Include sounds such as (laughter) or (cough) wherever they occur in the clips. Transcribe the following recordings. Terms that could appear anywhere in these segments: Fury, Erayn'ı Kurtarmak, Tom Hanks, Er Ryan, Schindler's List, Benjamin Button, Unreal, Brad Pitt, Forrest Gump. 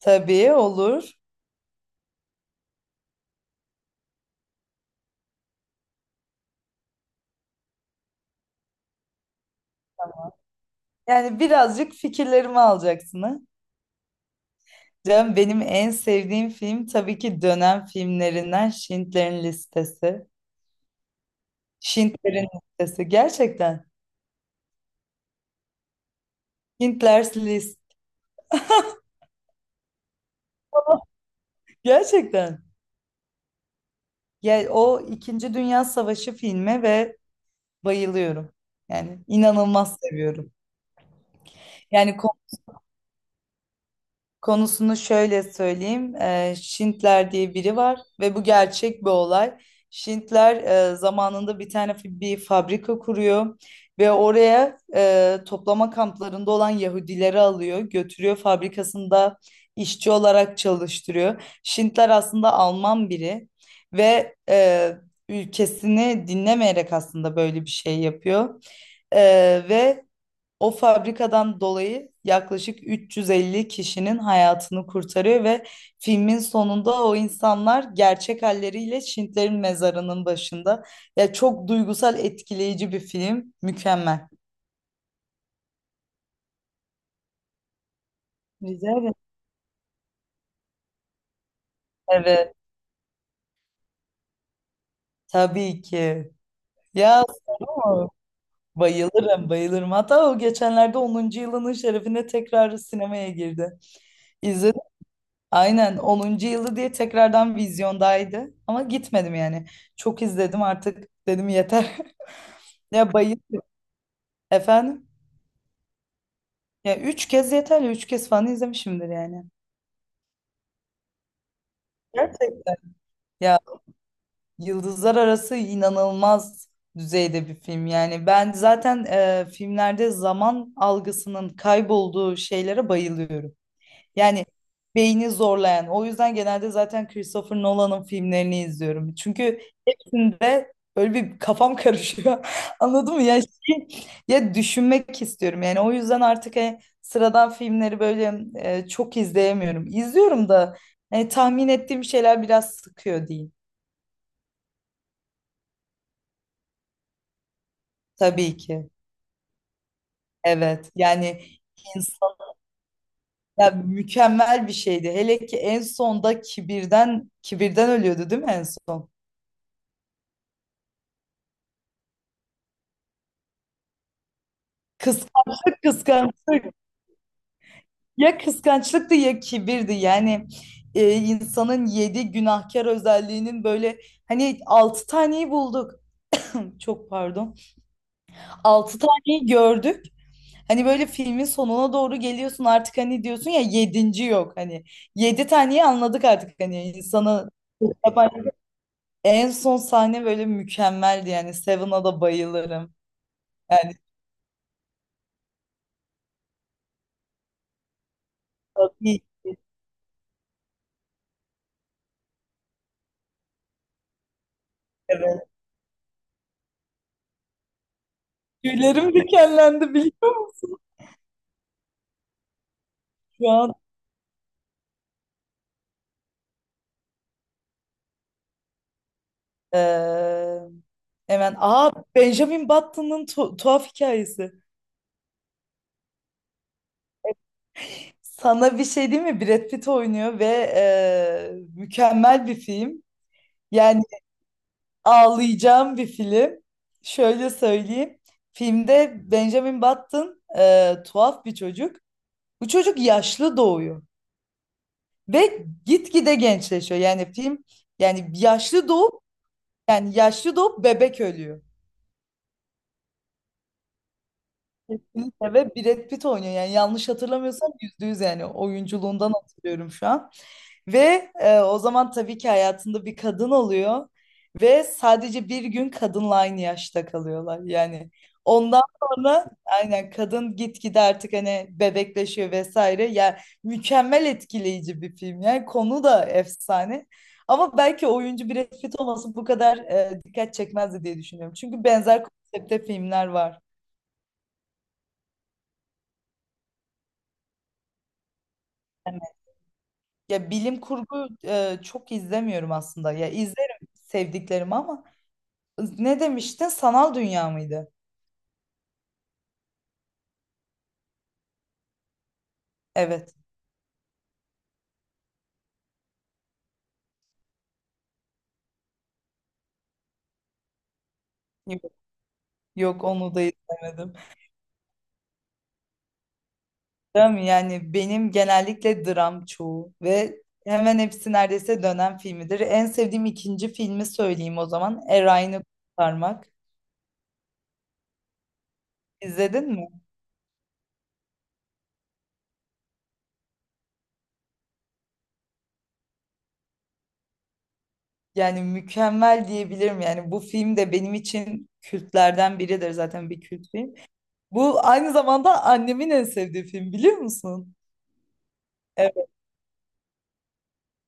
Tabii olur. Yani birazcık fikirlerimi alacaksın ha. Canım benim en sevdiğim film tabii ki dönem filmlerinden Schindler'in Listesi. Schindler'in Listesi gerçekten. Schindler's List gerçekten. Yani o İkinci Dünya Savaşı filmi ve bayılıyorum. Yani inanılmaz seviyorum. Yani konusunu şöyle söyleyeyim. Şintler diye biri var ve bu gerçek bir olay. Şintler, zamanında bir tane bir fabrika kuruyor ve oraya, toplama kamplarında olan Yahudileri alıyor, götürüyor fabrikasında işçi olarak çalıştırıyor. Şintler aslında Alman biri ve, ülkesini dinlemeyerek aslında böyle bir şey yapıyor. Ve o fabrikadan dolayı yaklaşık 350 kişinin hayatını kurtarıyor ve filmin sonunda o insanlar gerçek halleriyle Şintlerin mezarının başında. Ya çok duygusal, etkileyici bir film. Mükemmel. Güzel mi? Evet, tabii ki. Ya sorma. Bayılırım, bayılırım. Hatta o geçenlerde onuncu yılının şerefine tekrar sinemaya girdi. İzledim. Aynen onuncu yılı diye tekrardan vizyondaydı. Ama gitmedim yani. Çok izledim artık dedim yeter. (laughs) Ya efendim. Ya üç kez yeterli. Üç kez falan izlemişimdir yani. Gerçekten. Ya Yıldızlar Arası inanılmaz düzeyde bir film. Yani ben zaten, filmlerde zaman algısının kaybolduğu şeylere bayılıyorum. Yani beyni zorlayan. O yüzden genelde zaten Christopher Nolan'ın filmlerini izliyorum. Çünkü içinde böyle bir kafam karışıyor. (laughs) Anladın mı? Ya şey, ya düşünmek istiyorum. Yani o yüzden artık, sıradan filmleri böyle, çok izleyemiyorum. İzliyorum da, tahmin ettiğim şeyler biraz sıkıyor diyeyim. Tabii ki. Evet. Yani insan ya mükemmel bir şeydi. Hele ki en sonda kibirden kibirden ölüyordu değil mi en son? Kıskançlık kıskançlık. Ya kıskançlıktı ya kibirdi yani, insanın yedi günahkar özelliğinin böyle hani altı taneyi bulduk, çok pardon, altı taneyi gördük, hani böyle filmin sonuna doğru geliyorsun artık hani diyorsun ya yedinci yok hani, yedi taneyi anladık artık hani insanı yapan en son sahne böyle mükemmeldi yani Seven'a da bayılırım yani, tabii, evet. Tüylerim dikenlendi biliyor musun şu an. Ee, Hemen. Aa, Benjamin Button'ın tuhaf hikayesi. Sana bir şey değil mi? Brad Pitt oynuyor ve e, mükemmel bir film. Yani ağlayacağım bir film. Şöyle söyleyeyim. Filmde Benjamin Button, tuhaf bir çocuk. Bu çocuk yaşlı doğuyor ve gitgide gençleşiyor. Yani film, yani yaşlı doğup yani yaşlı doğup bebek ölüyor. Kesinlikle, ve Brad Pitt oynuyor yani yanlış hatırlamıyorsam yüzde yüz, yani oyunculuğundan hatırlıyorum şu an. Ve, o zaman tabii ki hayatında bir kadın oluyor ve sadece bir gün kadınla aynı yaşta kalıyorlar yani. Ondan sonra aynen kadın gitgide artık hani bebekleşiyor vesaire. Ya mükemmel, etkileyici bir film, yani konu da efsane. Ama belki oyuncu Brad Pitt olması bu kadar, dikkat çekmezdi diye düşünüyorum. Çünkü benzer konsepte filmler var. Ya bilim kurgu, çok izlemiyorum aslında. Ya izlerim sevdiklerimi ama ne demiştin? Sanal dünya mıydı? Evet. Yok, yok onu da izlemedim. Değil mi? Yani benim genellikle dram çoğu ve hemen hepsi neredeyse dönem filmidir. En sevdiğim ikinci filmi söyleyeyim o zaman. Erayn'ı Kurtarmak. İzledin mi? Yani mükemmel diyebilirim. Yani bu film de benim için kültlerden biridir, zaten bir kült film. Bu aynı zamanda annemin en sevdiği film biliyor musun?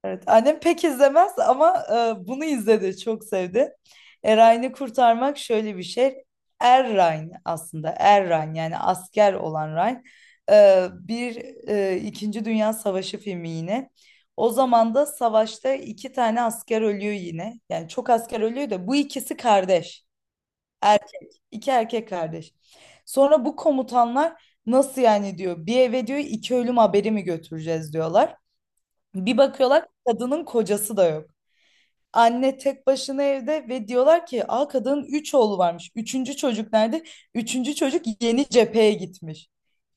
Evet, annem pek izlemez ama, bunu izledi, çok sevdi. Erayn'ı kurtarmak şöyle bir şey. Er Ryan aslında, Er Ryan, yani asker olan Ryan. Bir, İkinci Dünya Savaşı filmi yine. O zaman da savaşta iki tane asker ölüyor yine. Yani çok asker ölüyor da bu ikisi kardeş. Er, iki erkek kardeş. Sonra bu komutanlar nasıl yani diyor. Bir eve diyor iki ölüm haberi mi götüreceğiz diyorlar. Bir bakıyorlar kadının kocası da yok. Anne tek başına evde ve diyorlar ki, "Aa, kadının 3 oğlu varmış. Üçüncü çocuk nerede?" Üçüncü çocuk yeni cepheye gitmiş.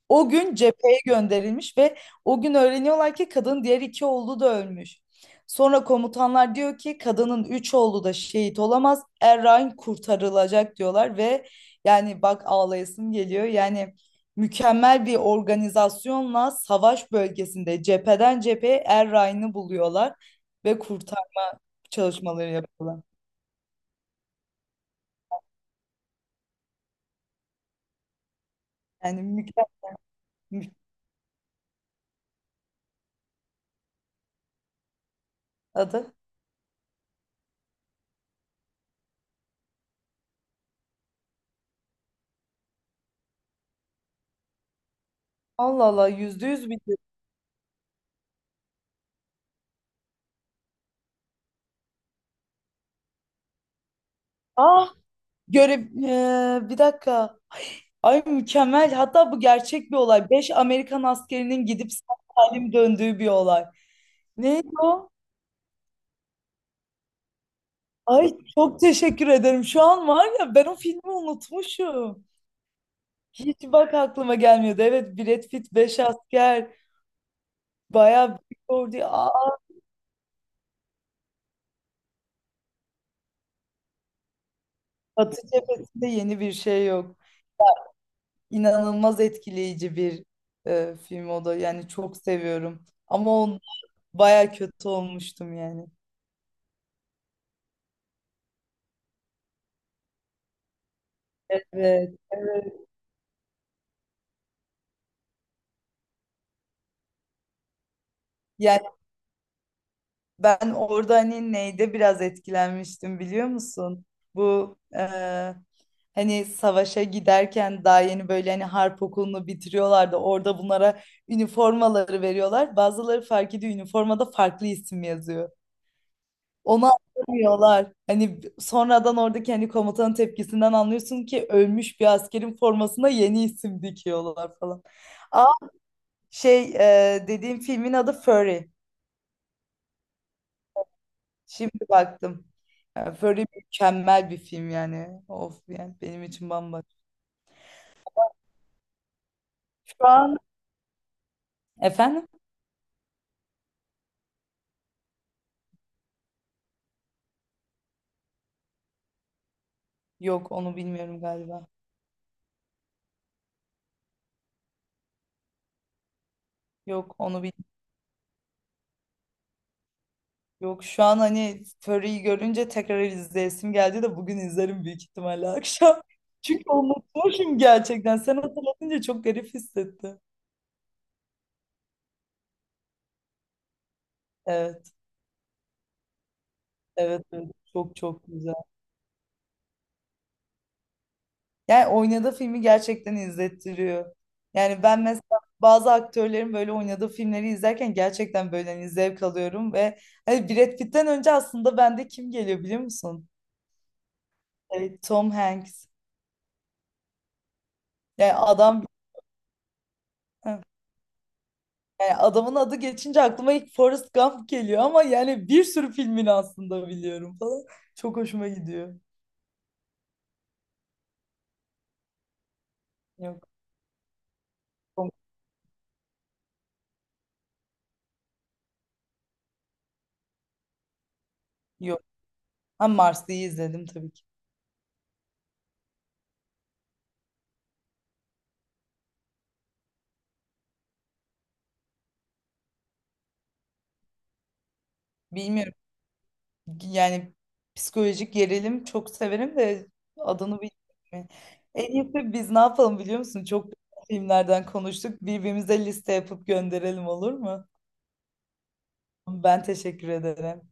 O gün cepheye gönderilmiş ve o gün öğreniyorlar ki kadının diğer iki oğlu da ölmüş. Sonra komutanlar diyor ki kadının üç oğlu da şehit olamaz. Errain kurtarılacak diyorlar ve, yani bak ağlayasım geliyor. Yani mükemmel bir organizasyonla savaş bölgesinde cepheden cepheye Errain'i buluyorlar ve kurtarma çalışmaları yapıyorlar. Yani mükemmel adı. Allah Allah, yüzde yüz biliyor. Ah, görev, bir dakika. Ay mükemmel. Hatta bu gerçek bir olay. Beş Amerikan askerinin gidip sağ salim döndüğü bir olay. Neydi o? Ay çok teşekkür ederim. Şu an var ya, ben o filmi unutmuşum. Hiç bak aklıma gelmiyordu. Evet, Brad Pitt, beş asker. Bayağı büyük ordu. Aa, Batı cephesinde yeni bir şey yok. İnanılmaz etkileyici bir, film o da. Yani çok seviyorum. Ama o bayağı kötü olmuştum yani. Evet. Evet. Yani ben orada hani neyde biraz etkilenmiştim biliyor musun? Bu, hani savaşa giderken daha yeni böyle hani harp okulunu bitiriyorlardı. Orada bunlara üniformaları veriyorlar. Bazıları fark ediyor üniformada farklı isim yazıyor. Onu anlamıyorlar. Hani sonradan oradaki hani komutanın tepkisinden anlıyorsun ki ölmüş bir askerin formasına yeni isim dikiyorlar falan. Aa, şey, dediğim filmin adı Fury. Şimdi baktım. Yani Fury mükemmel bir film yani. Of, yani benim için bambaşka. Şu an efendim? Yok onu bilmiyorum galiba. Yok onu bil Yok şu an hani Fury'yi görünce tekrar izleyesim geldi de bugün izlerim büyük ihtimalle akşam. (laughs) Çünkü unutmuşum gerçekten. Sen hatırlatınca çok garip hissettim. Evet, evet, evet. Çok çok güzel. Yani oynadığı filmi gerçekten izlettiriyor. Yani ben mesela bazı aktörlerin böyle oynadığı filmleri izlerken gerçekten böyle hani zevk alıyorum ve hani Brad Pitt'ten önce aslında bende kim geliyor biliyor musun? Evet, Tom Hanks. Yani adam. Heh. Yani adamın adı geçince aklıma ilk Forrest Gump geliyor ama yani bir sürü filmini aslında biliyorum falan. Çok hoşuma gidiyor. Yok. Tom- Yok. Ha, Mars'ı izledim tabii ki. Bilmiyorum. Yani psikolojik gerilim çok severim de adını bilmiyorum. En iyisi biz ne yapalım biliyor musun? Çok güzel filmlerden konuştuk. Birbirimize liste yapıp gönderelim olur mu? Ben teşekkür ederim.